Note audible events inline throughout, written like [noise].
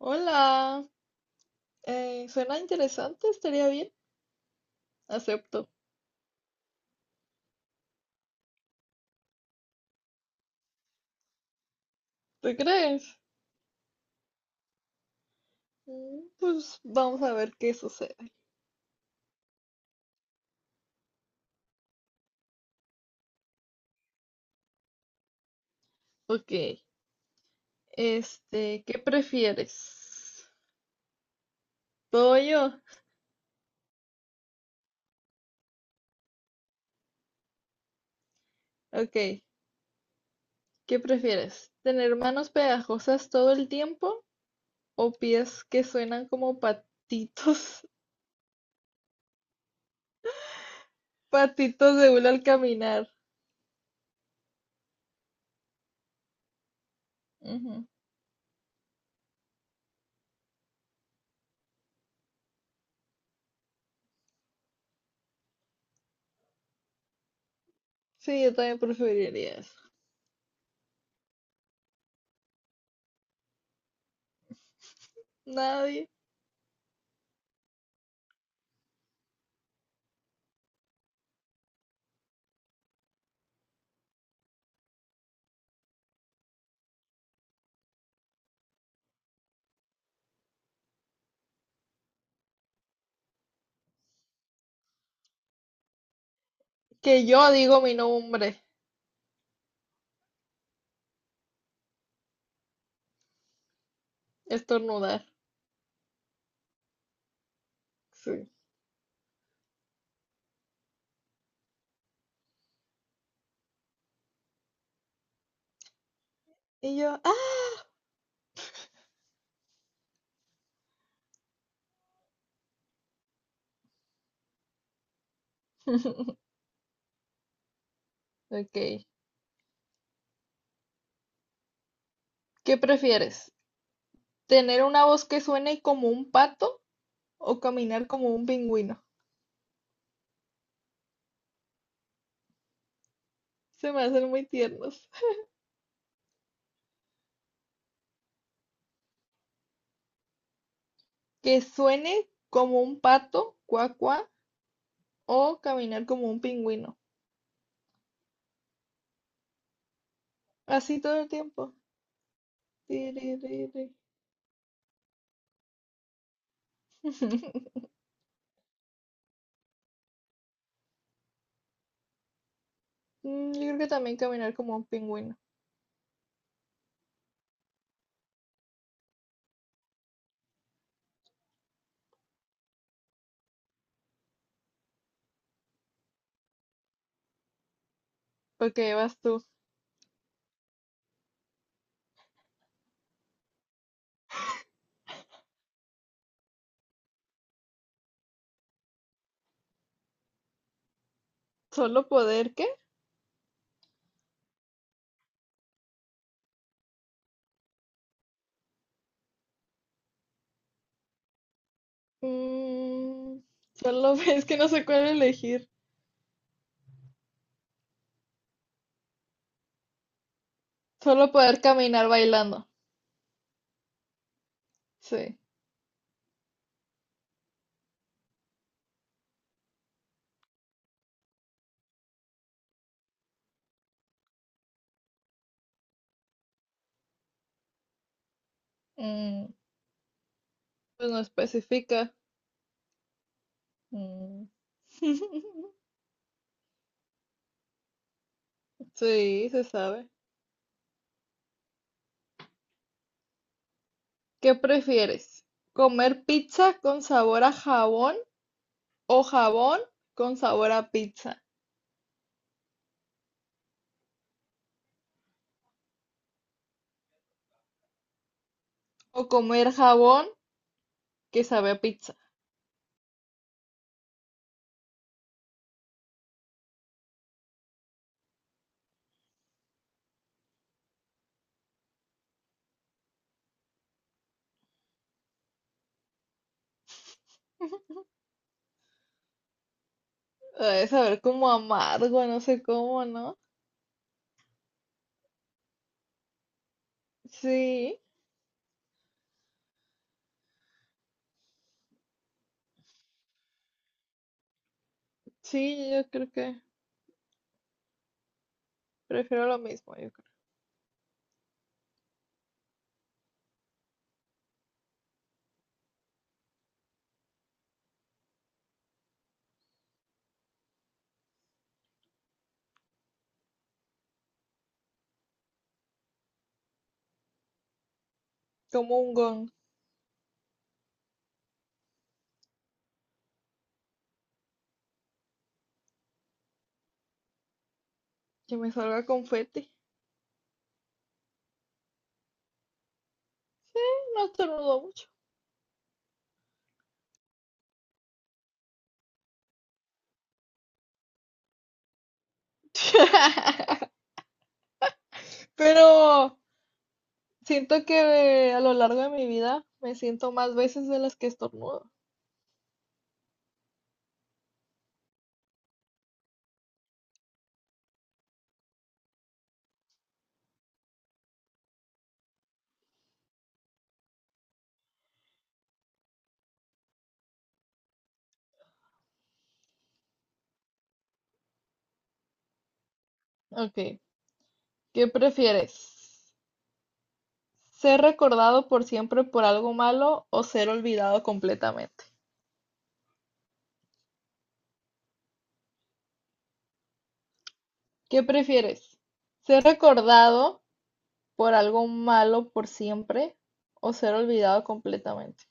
Hola, suena interesante, estaría bien. Acepto. ¿Te crees? Mm, pues vamos a ver qué sucede. Ok, ¿qué prefieres? ¿Todo yo? Ok, ¿qué prefieres? ¿Tener manos pegajosas todo el tiempo o pies que suenan como patitos, [laughs] patitos de hule al caminar? Ujú. Sí, yo también preferiría eso. Nadie. Que yo digo mi nombre, estornudar. Sí. Y yo, ¡ah! [laughs] Ok. ¿Qué prefieres? ¿Tener una voz que suene como un pato o caminar como un pingüino? Se me hacen muy tiernos. ¿Que suene como un pato, cuá, cuá, o caminar como un pingüino? Así todo el tiempo. Ti, ri, ri, ri. [laughs] Mm, yo creo que también caminar como un pingüino. Porque vas tú. ¿Solo poder qué? Mm, solo [laughs] es que no sé cuál elegir. Solo poder caminar bailando. Sí. Mm, pues no especifica. Mm. [laughs] Sí, se sabe. ¿Qué prefieres? ¿Comer pizza con sabor a jabón o jabón con sabor a pizza? ¿O comer jabón que sabe a pizza? Debe saber como amargo, no sé cómo, ¿no? Sí, sí, yo creo que prefiero lo mismo, yo creo. Como un gon, que me salga confeti. Sí, no estornudo mucho. [laughs] Pero siento que a lo largo de mi vida me siento más veces de las que estornudo. Ok, ¿qué prefieres? ¿Ser recordado por siempre por algo malo o ser olvidado completamente? ¿Qué prefieres? ¿Ser recordado por algo malo por siempre o ser olvidado completamente?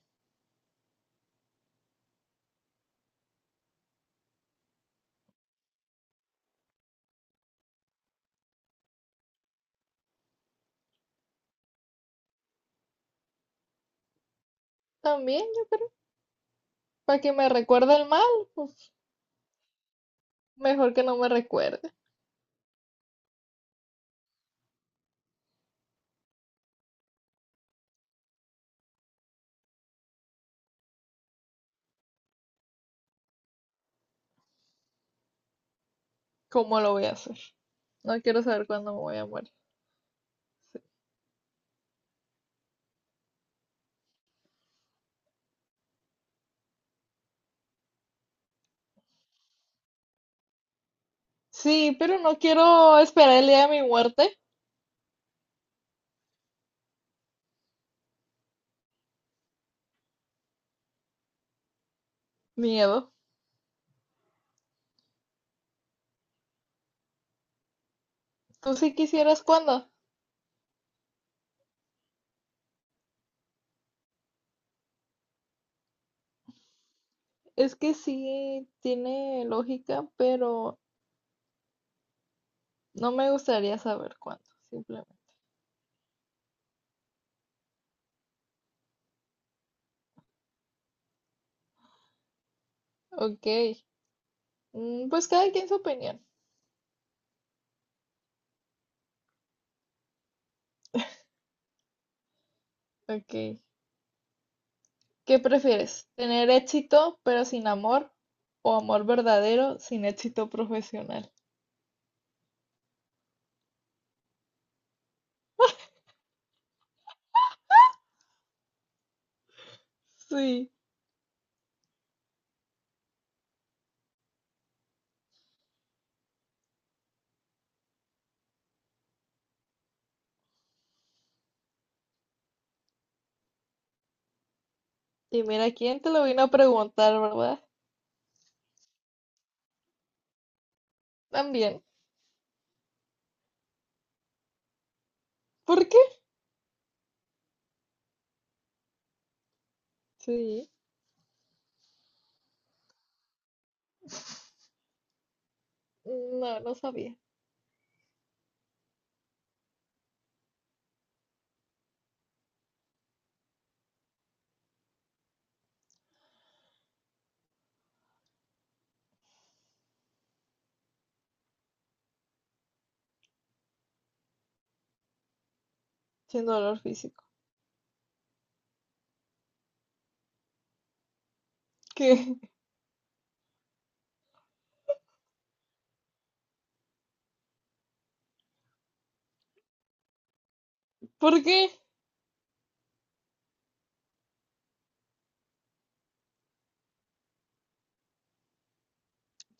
También, para que me recuerde el mal, pues, mejor que no me recuerde. ¿Cómo lo voy a hacer? No quiero saber cuándo me voy a morir. Sí, pero no quiero esperar el día de mi muerte. Miedo. ¿Tú sí quisieras cuándo? Es que sí tiene lógica, pero no me gustaría saber cuándo, simplemente. Ok. Pues cada quien su opinión. Ok. ¿Qué prefieres? ¿Tener éxito pero sin amor? ¿O amor verdadero sin éxito profesional? Sí. Y mira, ¿quién te lo vino a preguntar, verdad? También. ¿Por qué? Sí. No, no sabía. Sin dolor físico. ¿Qué? [laughs] ¿Por qué?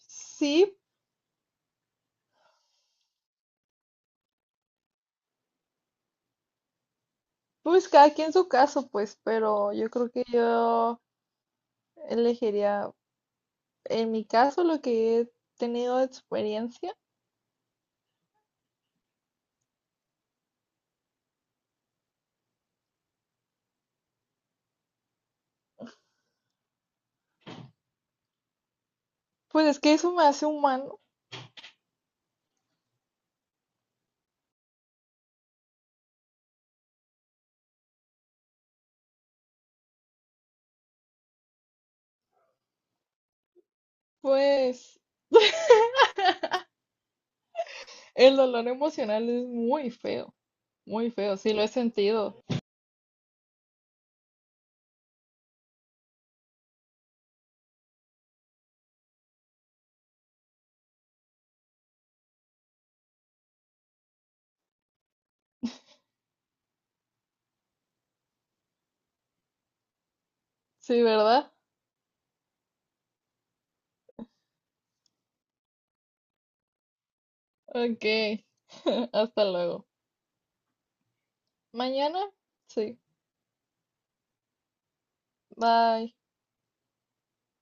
Sí, pues cada quien su caso, pues, pero yo creo que yo elegiría, en mi caso, lo que he tenido de experiencia, pues es que eso me hace humano, pues [laughs] el dolor emocional es muy feo, sí lo he sentido, sí, ¿verdad? Ok, [laughs] hasta luego. Mañana, sí, bye.